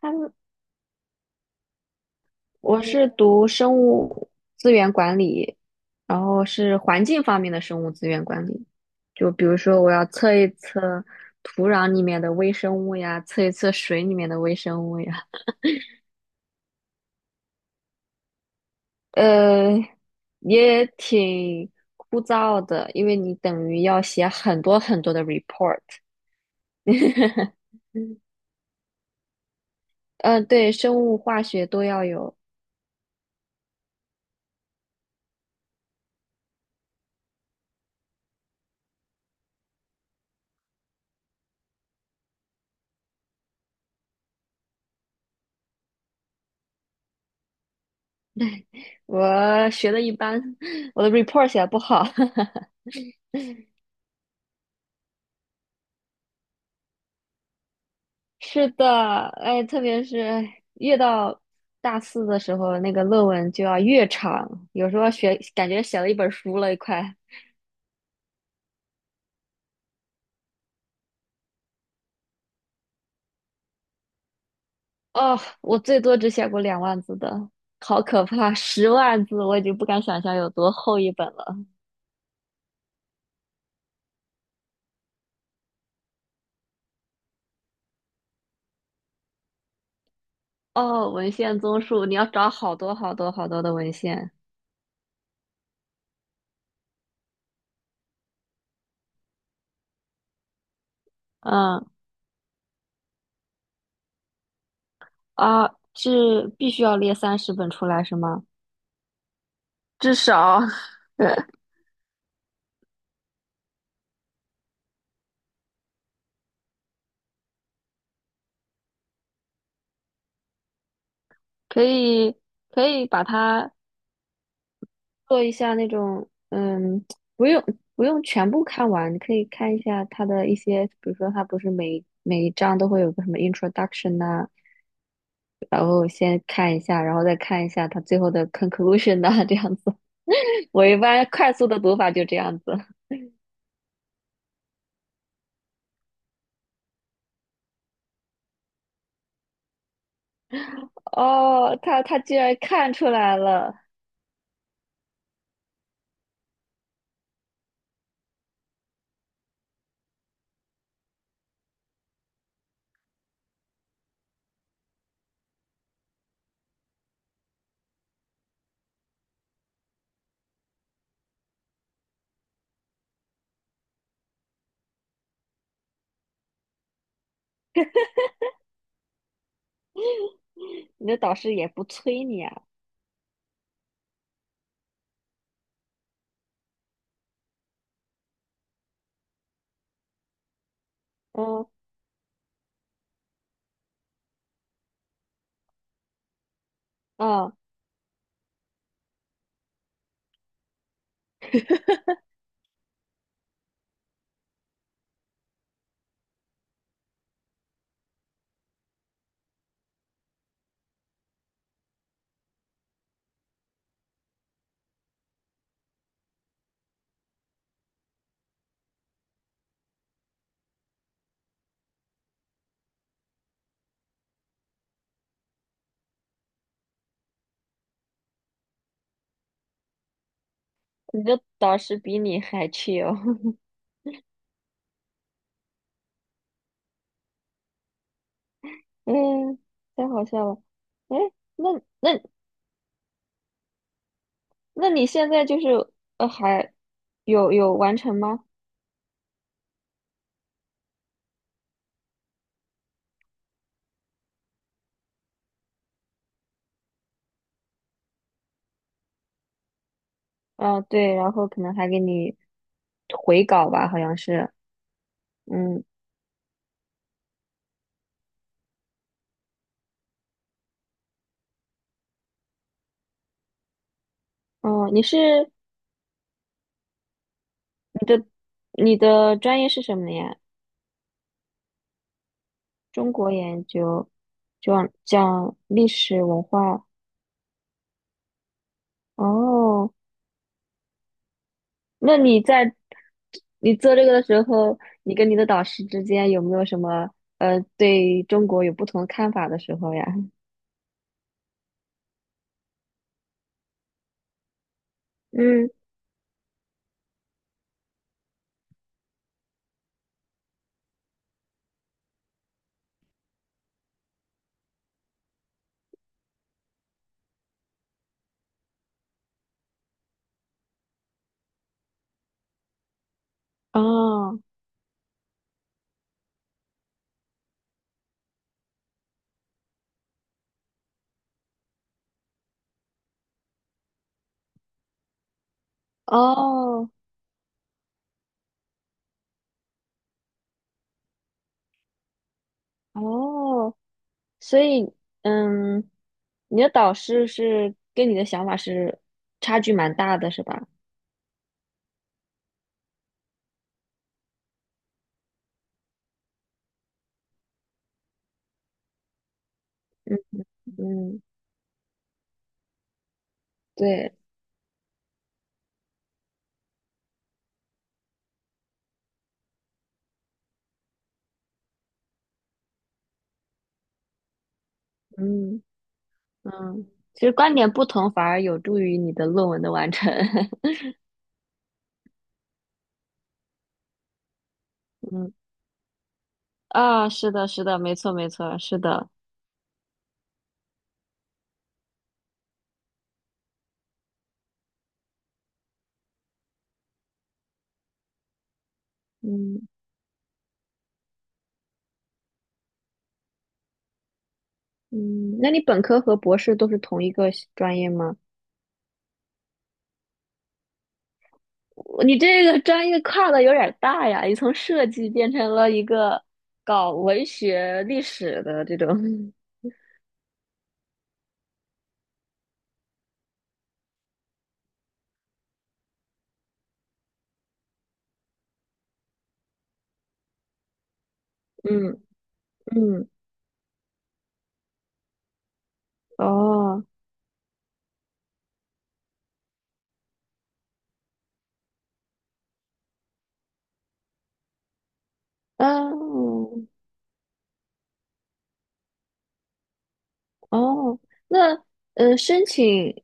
他们，我是读生物资源管理，然后是环境方面的生物资源管理。就比如说，我要测一测土壤里面的微生物呀，测一测水里面的微生物呀。呃，也挺枯燥的，因为你等于要写很多很多的 report。嗯，对，生物、化学都要有。我学的一般，我的 report 写的不好。是的，哎，特别是越到大四的时候，那个论文就要越长，有时候写感觉写了一本书了，快。哦，我最多只写过2万字的，好可怕！10万字我已经不敢想象有多厚一本了。哦，文献综述，你要找好多好多好多的文献。嗯啊，是必须要列30本出来是吗？至少 可以可以把它。做一下那种，不用不用全部看完，你可以看一下他的一些，比如说他不是每一章都会有个什么 introduction 呐、然后先看一下，然后再看一下他最后的 conclusion 呐、这样子。我一般快速的读法就这样子。哦，他居然看出来了，你的导师也不催你啊？嗯嗯，你的导师比你还 chill。嗯，太好笑了。哎，那那那你现在就是还有完成吗？啊，对，然后可能还给你回稿吧，好像是，嗯哦，你的专业是什么呀？中国研究，讲讲历史文化。哦，那你做这个的时候，你跟你的导师之间有没有什么对中国有不同看法的时候呀？嗯，哦哦哦。所以，嗯，你的导师是跟你的想法是差距蛮大的，是吧？嗯嗯，对，嗯嗯，其实观点不同反而有助于你的论文的完成。嗯啊，是的，是的，没错，没错，是的。嗯嗯，那你本科和博士都是同一个系专业吗？你这个专业跨的有点儿大呀，你从设计变成了一个搞文学历史的这种。嗯嗯。哦，嗯，哦，那申请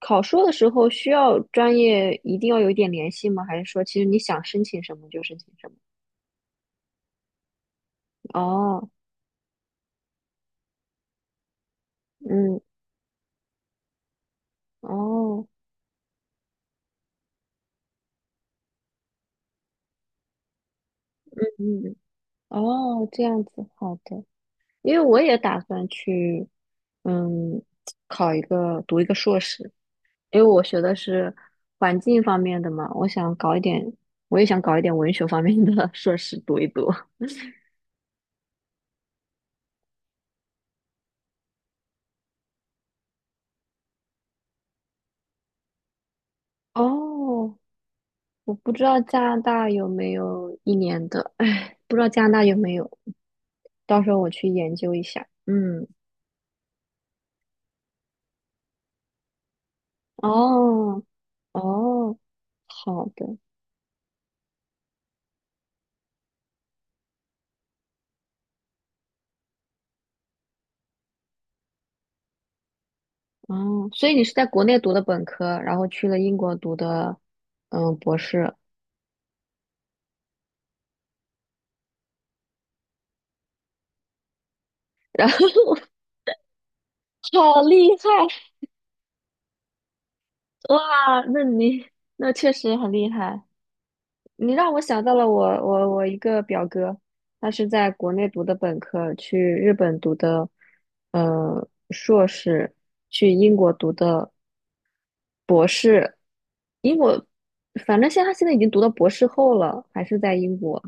考硕的时候需要专业一定要有一点联系吗？还是说其实你想申请什么就申请什么？哦，嗯，哦，嗯，哦，这样子，好的，因为我也打算去，嗯，考一个读一个硕士，因为我学的是环境方面的嘛，我想搞一点，我也想搞一点文学方面的 硕士读一读。哦我不知道加拿大有没有一年的，哎，不知道加拿大有没有，到时候我去研究一下。嗯，哦，哦，好的，哦，所以你是在国内读的本科，然后去了英国读的，博士，然后 好厉害，哇，那你确实很厉害，你让我想到了我一个表哥，他是在国内读的本科，去日本读的硕士，去英国读的博士，英国反正他现在已经读到博士后了，还是在英国，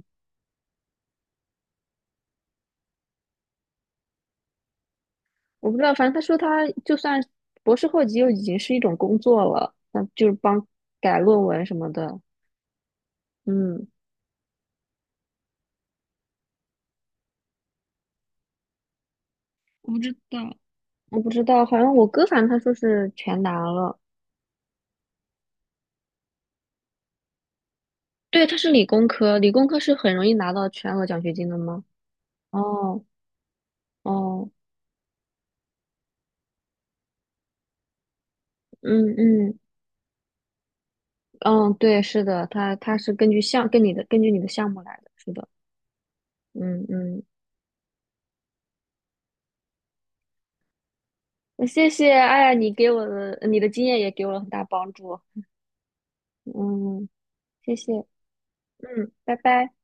我不知道，反正他说他就算博士后级又已经是一种工作了，那就是帮改论文什么的，嗯，我不知道。我不知道，好像我哥反正他说是全拿了。对，它是理工科，理工科是很容易拿到全额奖学金的吗？哦哦，嗯嗯嗯，对，是的，它是根据你的项目来的，是的，嗯嗯，那谢谢，哎呀，你的经验也给我了很大帮助，嗯，谢谢，嗯，拜拜。